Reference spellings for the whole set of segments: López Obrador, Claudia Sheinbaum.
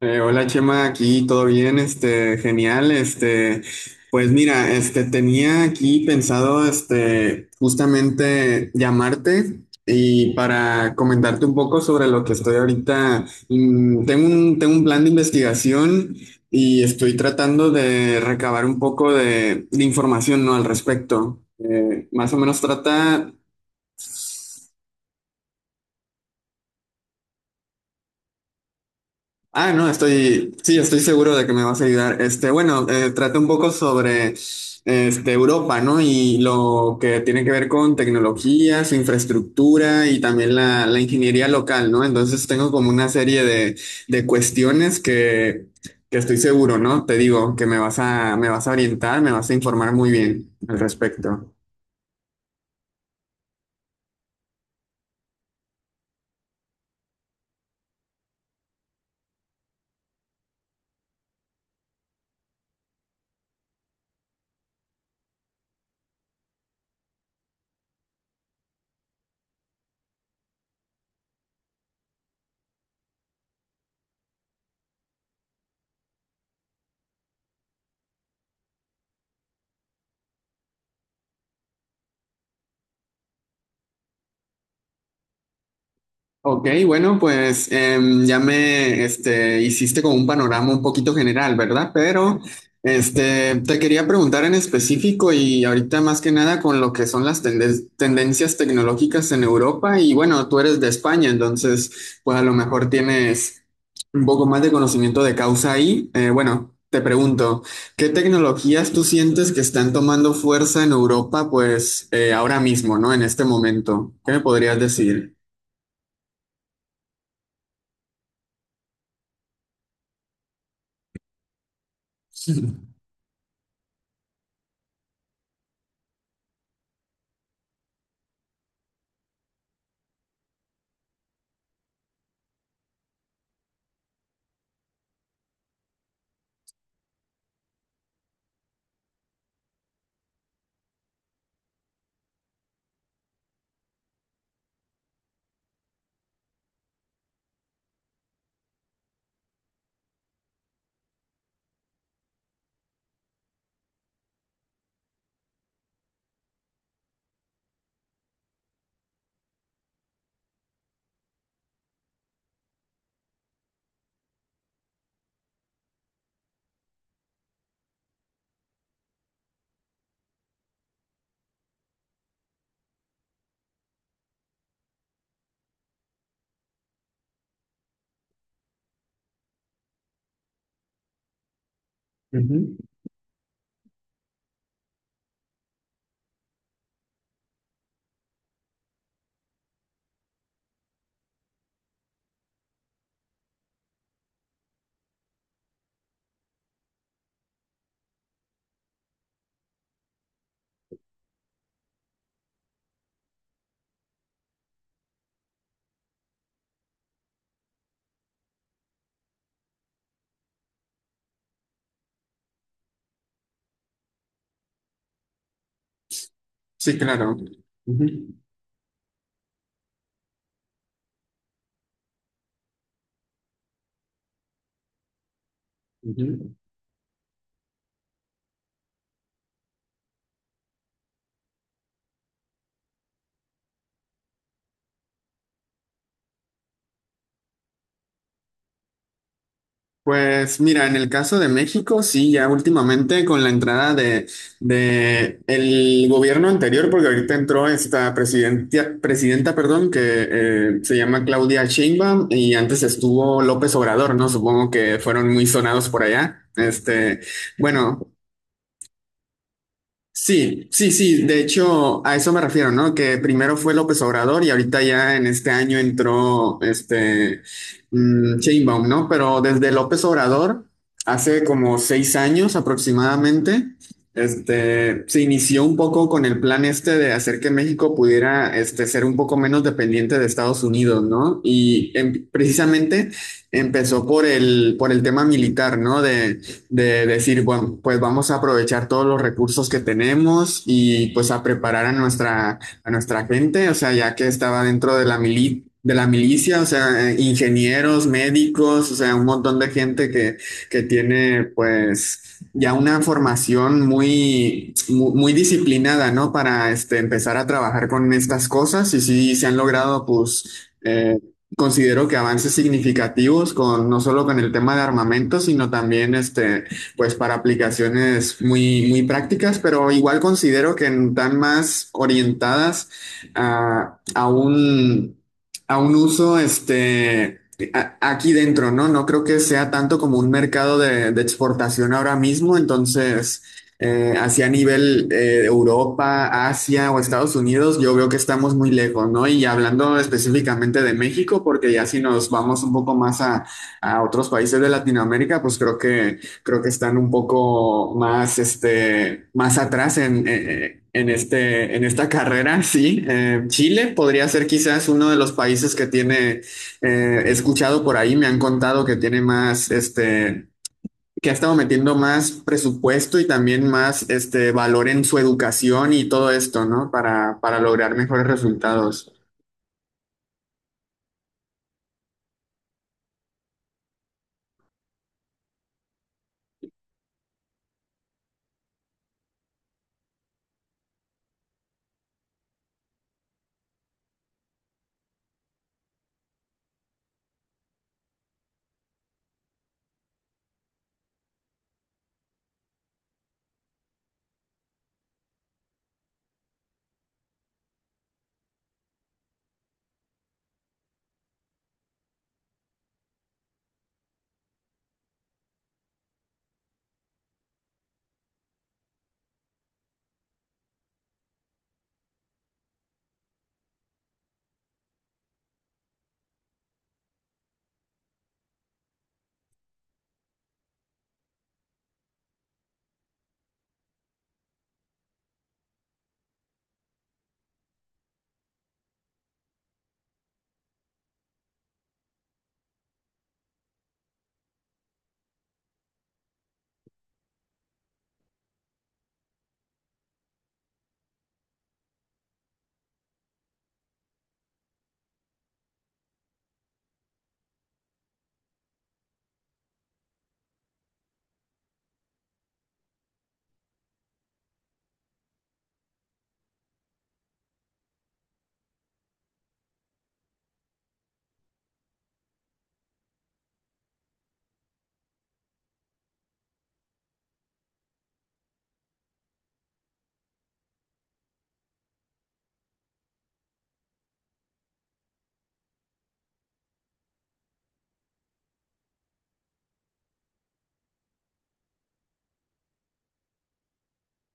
Hola Chema, aquí todo bien, genial, pues mira, tenía aquí pensado, justamente llamarte y para comentarte un poco sobre lo que estoy ahorita, tengo un plan de investigación y estoy tratando de recabar un poco de información, ¿no? Al respecto. Más o menos trata. No, sí, estoy seguro de que me vas a ayudar. Bueno, trata un poco sobre Europa, ¿no? Y lo que tiene que ver con tecnología, su infraestructura y también la ingeniería local, ¿no? Entonces tengo como una serie de cuestiones que estoy seguro, ¿no? Te digo que me me vas a orientar, me vas a informar muy bien al respecto. Ok, bueno, pues ya me hiciste con un panorama un poquito general, ¿verdad? Pero te quería preguntar en específico y ahorita más que nada con lo que son las tendencias tecnológicas en Europa y bueno, tú eres de España, entonces pues a lo mejor tienes un poco más de conocimiento de causa ahí. Bueno, te pregunto, ¿qué tecnologías tú sientes que están tomando fuerza en Europa pues ahora mismo, ¿no? En este momento, ¿qué me podrías decir? Ujú. Sí, claro. Ujú, ujú. Pues mira, en el caso de México, sí, ya últimamente con la entrada de el gobierno anterior, porque ahorita entró esta presidenta, presidenta, perdón, que se llama Claudia Sheinbaum y antes estuvo López Obrador, ¿no? Supongo que fueron muy sonados por allá. Bueno, sí, sí, sí, de hecho a eso me refiero, ¿no? Que primero fue López Obrador y ahorita ya en este año entró Sheinbaum, ¿no? Pero desde López Obrador, hace como 6 años aproximadamente, se inició un poco con el plan este de hacer que México pudiera ser un poco menos dependiente de Estados Unidos, ¿no? Y precisamente empezó por por el tema militar, ¿no? De decir, bueno, pues vamos a aprovechar todos los recursos que tenemos y pues a preparar a nuestra gente, o sea, ya que estaba dentro de la de la milicia, o sea, ingenieros, médicos, o sea, un montón de gente que tiene pues ya una formación muy, muy disciplinada, ¿no? Para empezar a trabajar con estas cosas y sí se han logrado pues considero que avances significativos con no solo con el tema de armamento, sino también pues para aplicaciones muy, muy prácticas, pero igual considero que están más orientadas a, a un, a un uso aquí dentro, ¿no? No creo que sea tanto como un mercado de exportación ahora mismo, entonces así a nivel Europa, Asia o Estados Unidos, yo veo que estamos muy lejos, ¿no? Y hablando específicamente de México, porque ya si nos vamos un poco más a otros países de Latinoamérica, pues creo que están un poco más, más atrás en en esta carrera, sí. Chile podría ser quizás uno de los países que tiene, he escuchado por ahí, me han contado que tiene más, que ha estado metiendo más presupuesto y también más este valor en su educación y todo esto, ¿no? Para lograr mejores resultados.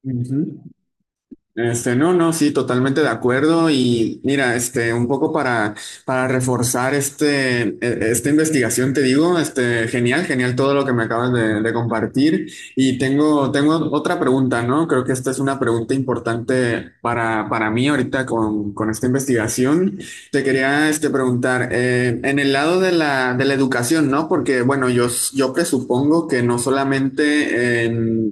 Ujú. No, no, sí, totalmente de acuerdo. Y mira, un poco para reforzar esta investigación, te digo, este, genial, genial todo lo que me acabas de compartir. Y tengo otra pregunta, ¿no? Creo que esta es una pregunta importante para mí ahorita con esta investigación. Te quería, preguntar, en el lado de la educación, ¿no? Porque, bueno, yo presupongo que no solamente,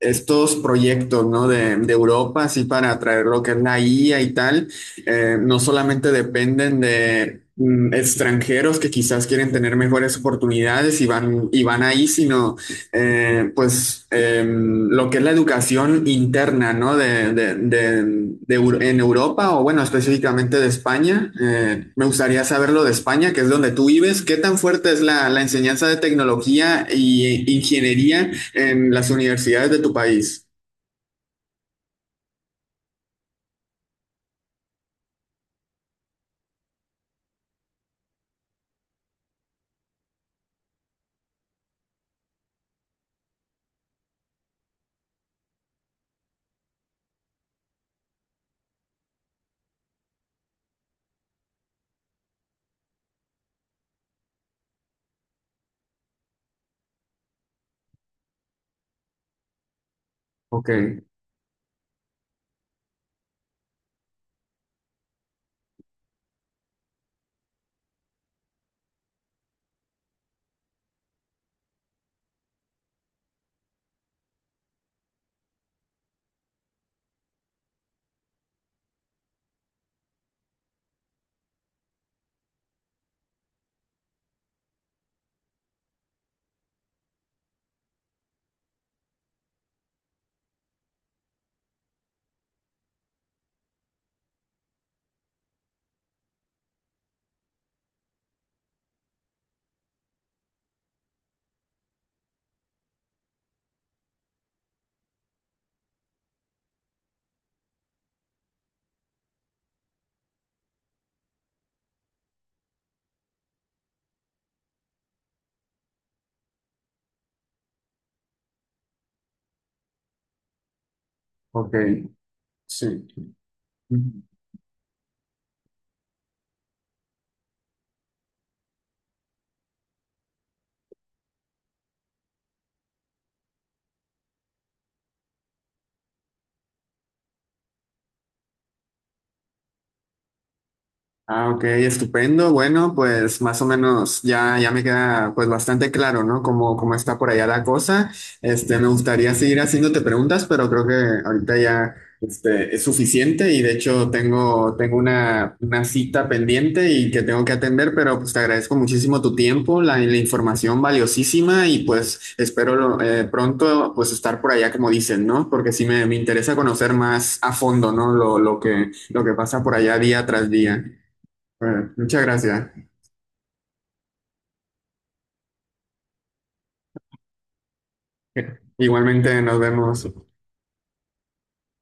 estos proyectos, ¿no? De Europa, así para atraer lo que es la IA y tal, no solamente dependen de extranjeros que quizás quieren tener mejores oportunidades y y van ahí, sino pues lo que es la educación interna, ¿no? En Europa o bueno, específicamente de España. Me gustaría saberlo de España, que es donde tú vives. ¿Qué tan fuerte es la enseñanza de tecnología y ingeniería en las universidades de tu país? Ok, ok, sí. Ah, ok, estupendo. Bueno, pues más o menos ya, ya me queda pues bastante claro, ¿no? Cómo, cómo está por allá la cosa. Me gustaría seguir haciéndote preguntas, pero creo que ahorita ya es suficiente y de hecho tengo una cita pendiente y que tengo que atender, pero pues te agradezco muchísimo tu tiempo, la información valiosísima y pues espero pronto pues estar por allá como dicen, ¿no? Porque sí me interesa conocer más a fondo, ¿no? Lo que pasa por allá día tras día. Bueno, muchas gracias. Igualmente nos vemos.